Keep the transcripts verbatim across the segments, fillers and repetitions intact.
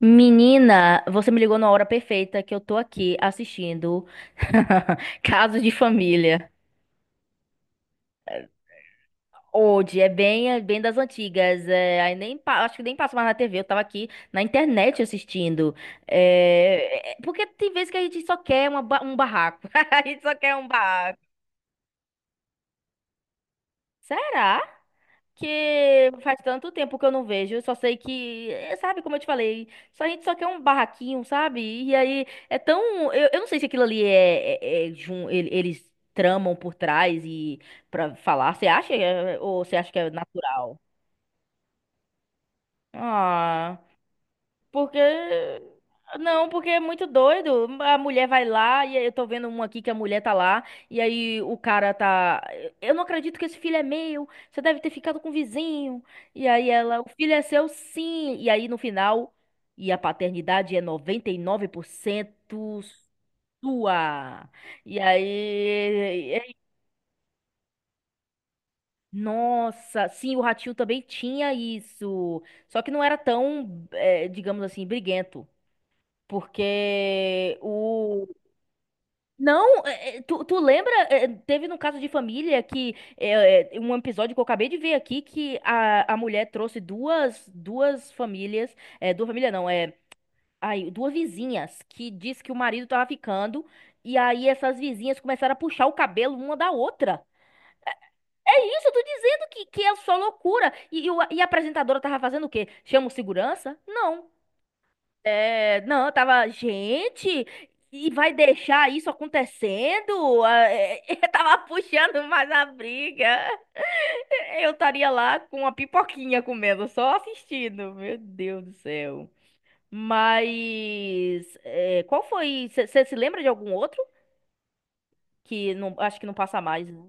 Menina, você me ligou na hora perfeita que eu tô aqui assistindo Casos de Família. Hoje é bem, é bem das antigas. É, aí nem, pa- Acho que nem passo mais na T V. Eu tava aqui na internet assistindo. É, é, porque tem vezes que a gente só quer uma ba- um barraco. A gente só quer um barraco. Será? Que faz tanto tempo que eu não vejo. Eu só sei que, é, sabe, como eu te falei, só a gente só quer um barraquinho, sabe? E aí é tão. Eu, eu não sei se aquilo ali é, é, é jun- ele- eles tramam por trás e pra falar. Você acha? é, Ou você acha que é natural? Ah. Porque. Não, porque é muito doido. A mulher vai lá, e aí eu tô vendo um aqui que a mulher tá lá, e aí o cara tá. Eu não acredito que esse filho é meu. Você deve ter ficado com o vizinho. E aí ela, o filho é seu, sim. E aí no final, e a paternidade é noventa e nove por cento sua. E aí. é- Nossa, sim, o Ratinho também tinha isso. Só que não era tão, eh, digamos assim, briguento. Porque o. Não, é, é, tu, tu lembra? é, Teve no Caso de Família que é, é, um episódio que eu acabei de ver aqui que a, a mulher trouxe duas, duas famílias. É, duas famílias não, é. Ai, duas vizinhas que disse que o marido tava ficando. E aí essas vizinhas começaram a puxar o cabelo uma da outra. É isso, eu tô dizendo que, que é só loucura. E, e o- e a apresentadora tava fazendo o quê? Chama o segurança? Não. É, não, eu tava, gente, e vai deixar isso acontecendo? Ah, é, eu tava puxando mais a briga. É, eu estaria lá com uma pipoquinha comendo, só assistindo. Meu Deus do céu. Mas, é, qual foi? Você se lembra de algum outro que não, acho que não passa mais, né?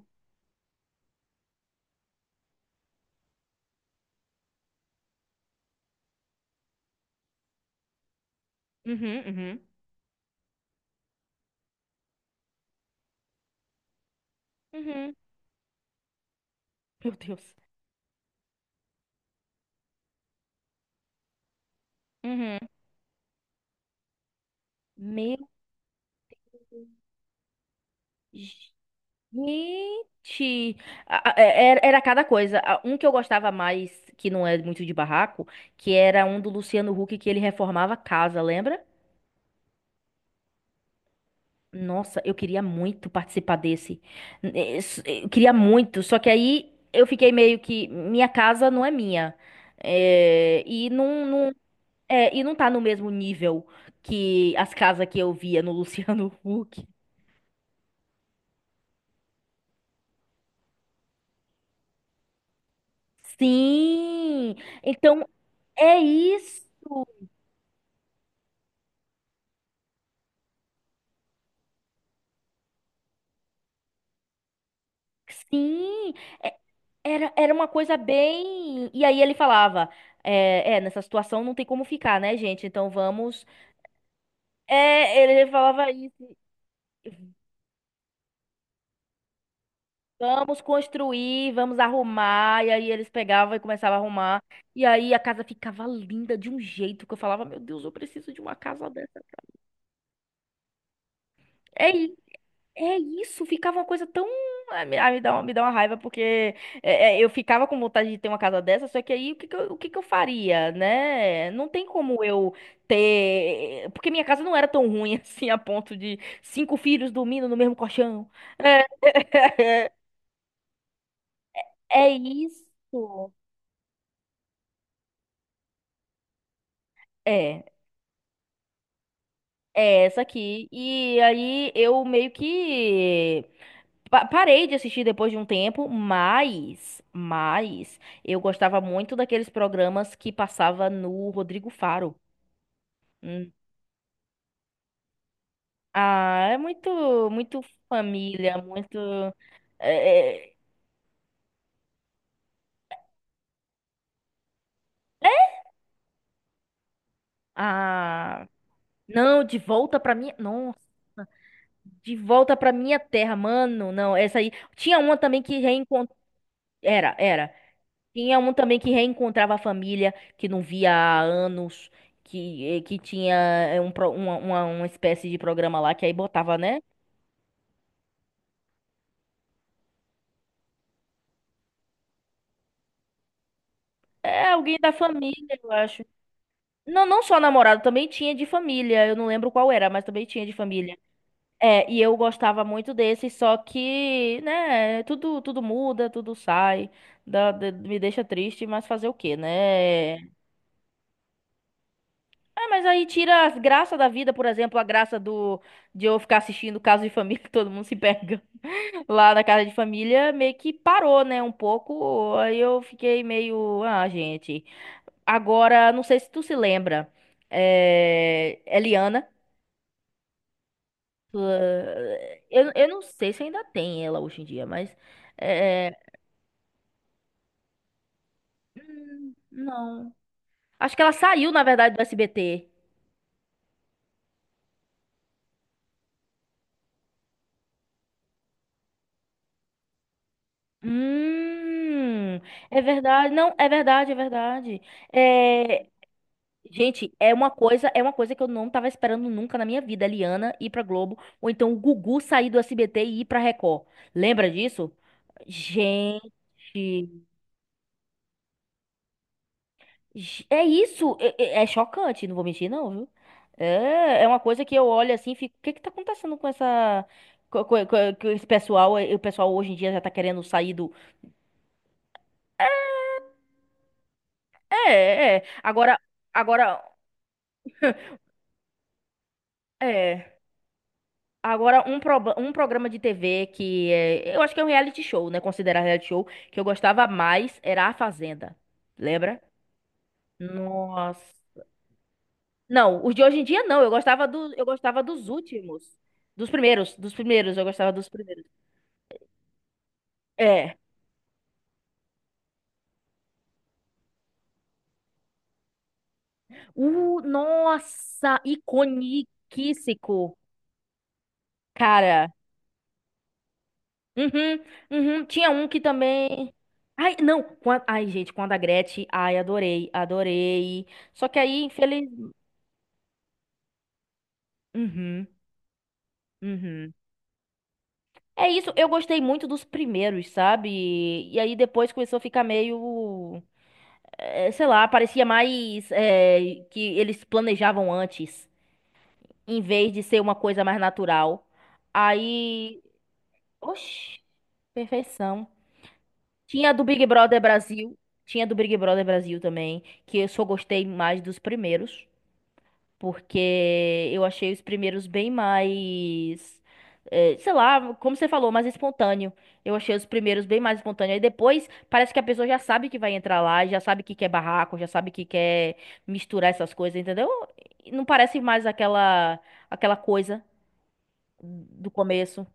Uhum, uhum. Uhum. Meu Deus. Uhum. Meu Deus. Gente, a- a- é, é, era, era cada coisa. A- Um que eu gostava mais, que não é muito de barraco, que era um do Luciano Huck que ele reformava a casa, lembra? Nossa, eu queria muito participar desse. N- eh, s- é, Eu queria muito, só que aí eu fiquei meio que minha casa não é minha. É, e não, não, é, e não tá no mesmo nível que as casas que eu via no Luciano Huck. Sim! Então, é isso. Sim, é- era, era uma coisa bem. E aí ele falava: é, é, nessa situação não tem como ficar, né, gente? Então vamos. É, ele falava isso: vamos construir, vamos arrumar. E aí eles pegavam e começavam a arrumar. E aí a casa ficava linda de um jeito que eu falava: meu Deus, eu preciso de uma casa dessa. É. É isso, ficava uma coisa tão. Ah, me, ah, me dá uma, me dá uma raiva, porque é, é, eu ficava com vontade de ter uma casa dessa, só que aí o que que eu, o que que eu faria, né? Não tem como eu ter. Porque minha casa não era tão ruim assim, a ponto de cinco filhos dormindo no mesmo colchão. É. É isso. É, é essa aqui. E aí eu meio que Pa- parei de assistir depois de um tempo, mas, mas eu gostava muito daqueles programas que passava no Rodrigo Faro. Hum. Ah, é muito, muito família, muito. é, é, ah, não, de volta pra minha. Nossa, de volta pra minha terra, mano. Não, essa aí. Tinha uma também que reencontrou. Era, era. Tinha um também que reencontrava a família, que não via há anos, que, eh, que tinha eh, um, pro- uma, uma, uma espécie de programa lá que aí botava, né? É alguém da família, eu acho. Não, não só namorado, também tinha de família. Eu não lembro qual era, mas também tinha de família. É, e eu gostava muito desse, só que, né, tudo, tudo muda, tudo sai, dá- dá- me deixa triste, mas fazer o quê, né? É, mas aí tira as graças da vida, por exemplo, a graça do de eu ficar assistindo Caso de Família, que todo mundo se pega lá na casa de família, meio que parou, né, um pouco. Aí eu fiquei meio, ah, gente. Agora, não sei se tu se lembra, é... Eliana, tu- eu, eu não sei se ainda tem ela hoje em dia, mas é, hum, não. Acho que ela saiu, na verdade, do S B T. Hum, é verdade, não, é verdade, é verdade. É, gente, é uma coisa, é uma coisa que eu não tava esperando nunca na minha vida, a Liana ir pra Globo, ou então o Gugu sair do S B T e ir pra Record. Lembra disso? Gente, ge- é isso, é, é- é chocante, não vou mentir não, viu? É, é uma coisa que eu olho assim, e fico, o que que tá acontecendo com essa co- co- co- com esse pessoal, o pessoal hoje em dia já tá querendo sair do É, é, é, agora agora é. Agora, um, proba- um programa de T V que é, eu acho que é um reality show, né? Considerar reality show, que eu gostava mais era A Fazenda. Lembra? Nossa. Não, os de hoje em dia não. Eu gostava do, eu gostava dos últimos. Dos primeiros, dos primeiros, eu gostava dos primeiros. É. Uh, nossa, iconiquíssico, cara. Uhum, uhum. Tinha um que também. Ai, não. quan- Ai, gente, quando a Gretchen. Ai, adorei, adorei. Só que aí, infeliz. Uhum. Uhum. É isso, eu gostei muito dos primeiros, sabe? E aí depois começou a ficar meio, eh, sei lá, parecia mais eh, que eles planejavam antes, em vez de ser uma coisa mais natural. Aí, oxi, perfeição. Tinha a do Big Brother Brasil, tinha a do Big Brother Brasil também, que eu só gostei mais dos primeiros. Porque eu achei os primeiros bem mais. eh, Sei lá, como você falou, mais espontâneo. Eu achei os primeiros bem mais espontâneo. Aí depois parece que a pessoa já sabe que vai entrar lá, já sabe que quer barraco, já sabe que quer misturar essas coisas, entendeu? E não parece mais aquela aquela coisa do começo.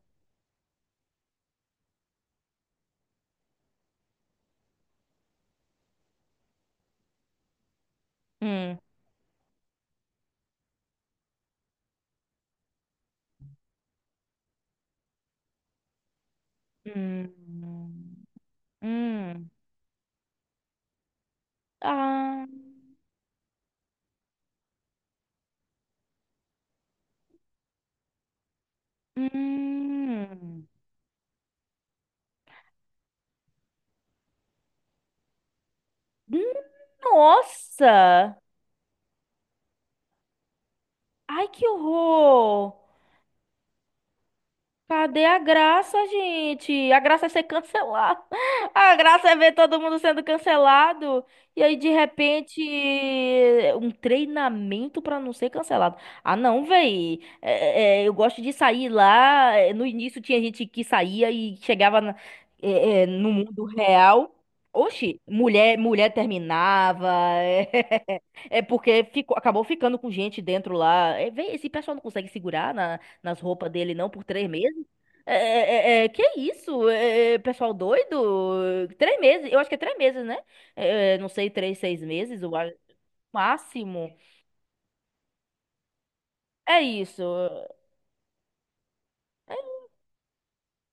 Hum. Hum. Hum. Ah. Hum. Hum. Nossa! Ai, que horror! Cadê a graça, gente? A graça é ser cancelado. A graça é ver todo mundo sendo cancelado. E aí, de repente, um treinamento pra não ser cancelado. Ah, não, véi. É, é, é, eu gosto de sair lá. É, no início tinha gente que saía e chegava na- é, é, no mundo real. Oxi, mulher, mulher terminava. É porque ficou, acabou ficando com gente dentro lá. É, vê, esse pessoal não consegue segurar na- nas roupas dele, não, por três meses. É, é, é, é, que isso? É, é, pessoal doido? Três meses, eu acho que é três meses, né? É, é, não sei, três, seis meses, o máximo. É isso.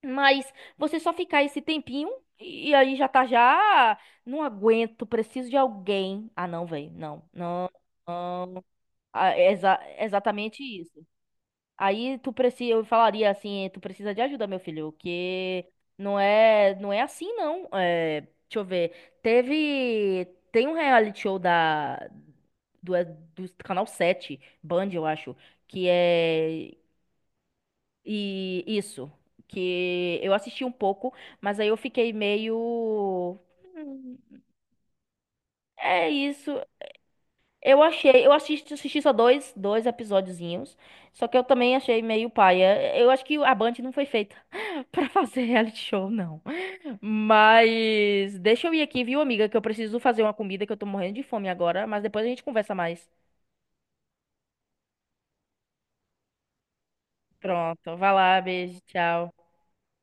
Mas você só ficar esse tempinho e aí já tá já. Não aguento, preciso de alguém. Ah, não, velho. Não, não, não. Ah, é exa- exatamente isso. Aí tu precisa, eu falaria assim, tu precisa de ajuda, meu filho, que não é, não é assim não. É, deixa eu ver. Teve, tem um reality show da do, é do canal sete, Band, eu acho, que é e isso, que eu assisti um pouco, mas aí eu fiquei meio "Hum, é isso, eu achei, eu assisti, assisti só dois, dois episódiozinhos, só que eu também achei meio paia. Eu acho que a Band não foi feita pra fazer reality show, não. Mas deixa eu ir aqui, viu, amiga, que eu preciso fazer uma comida que eu tô morrendo de fome agora, mas depois a gente conversa mais. Pronto, vai lá, beijo, tchau.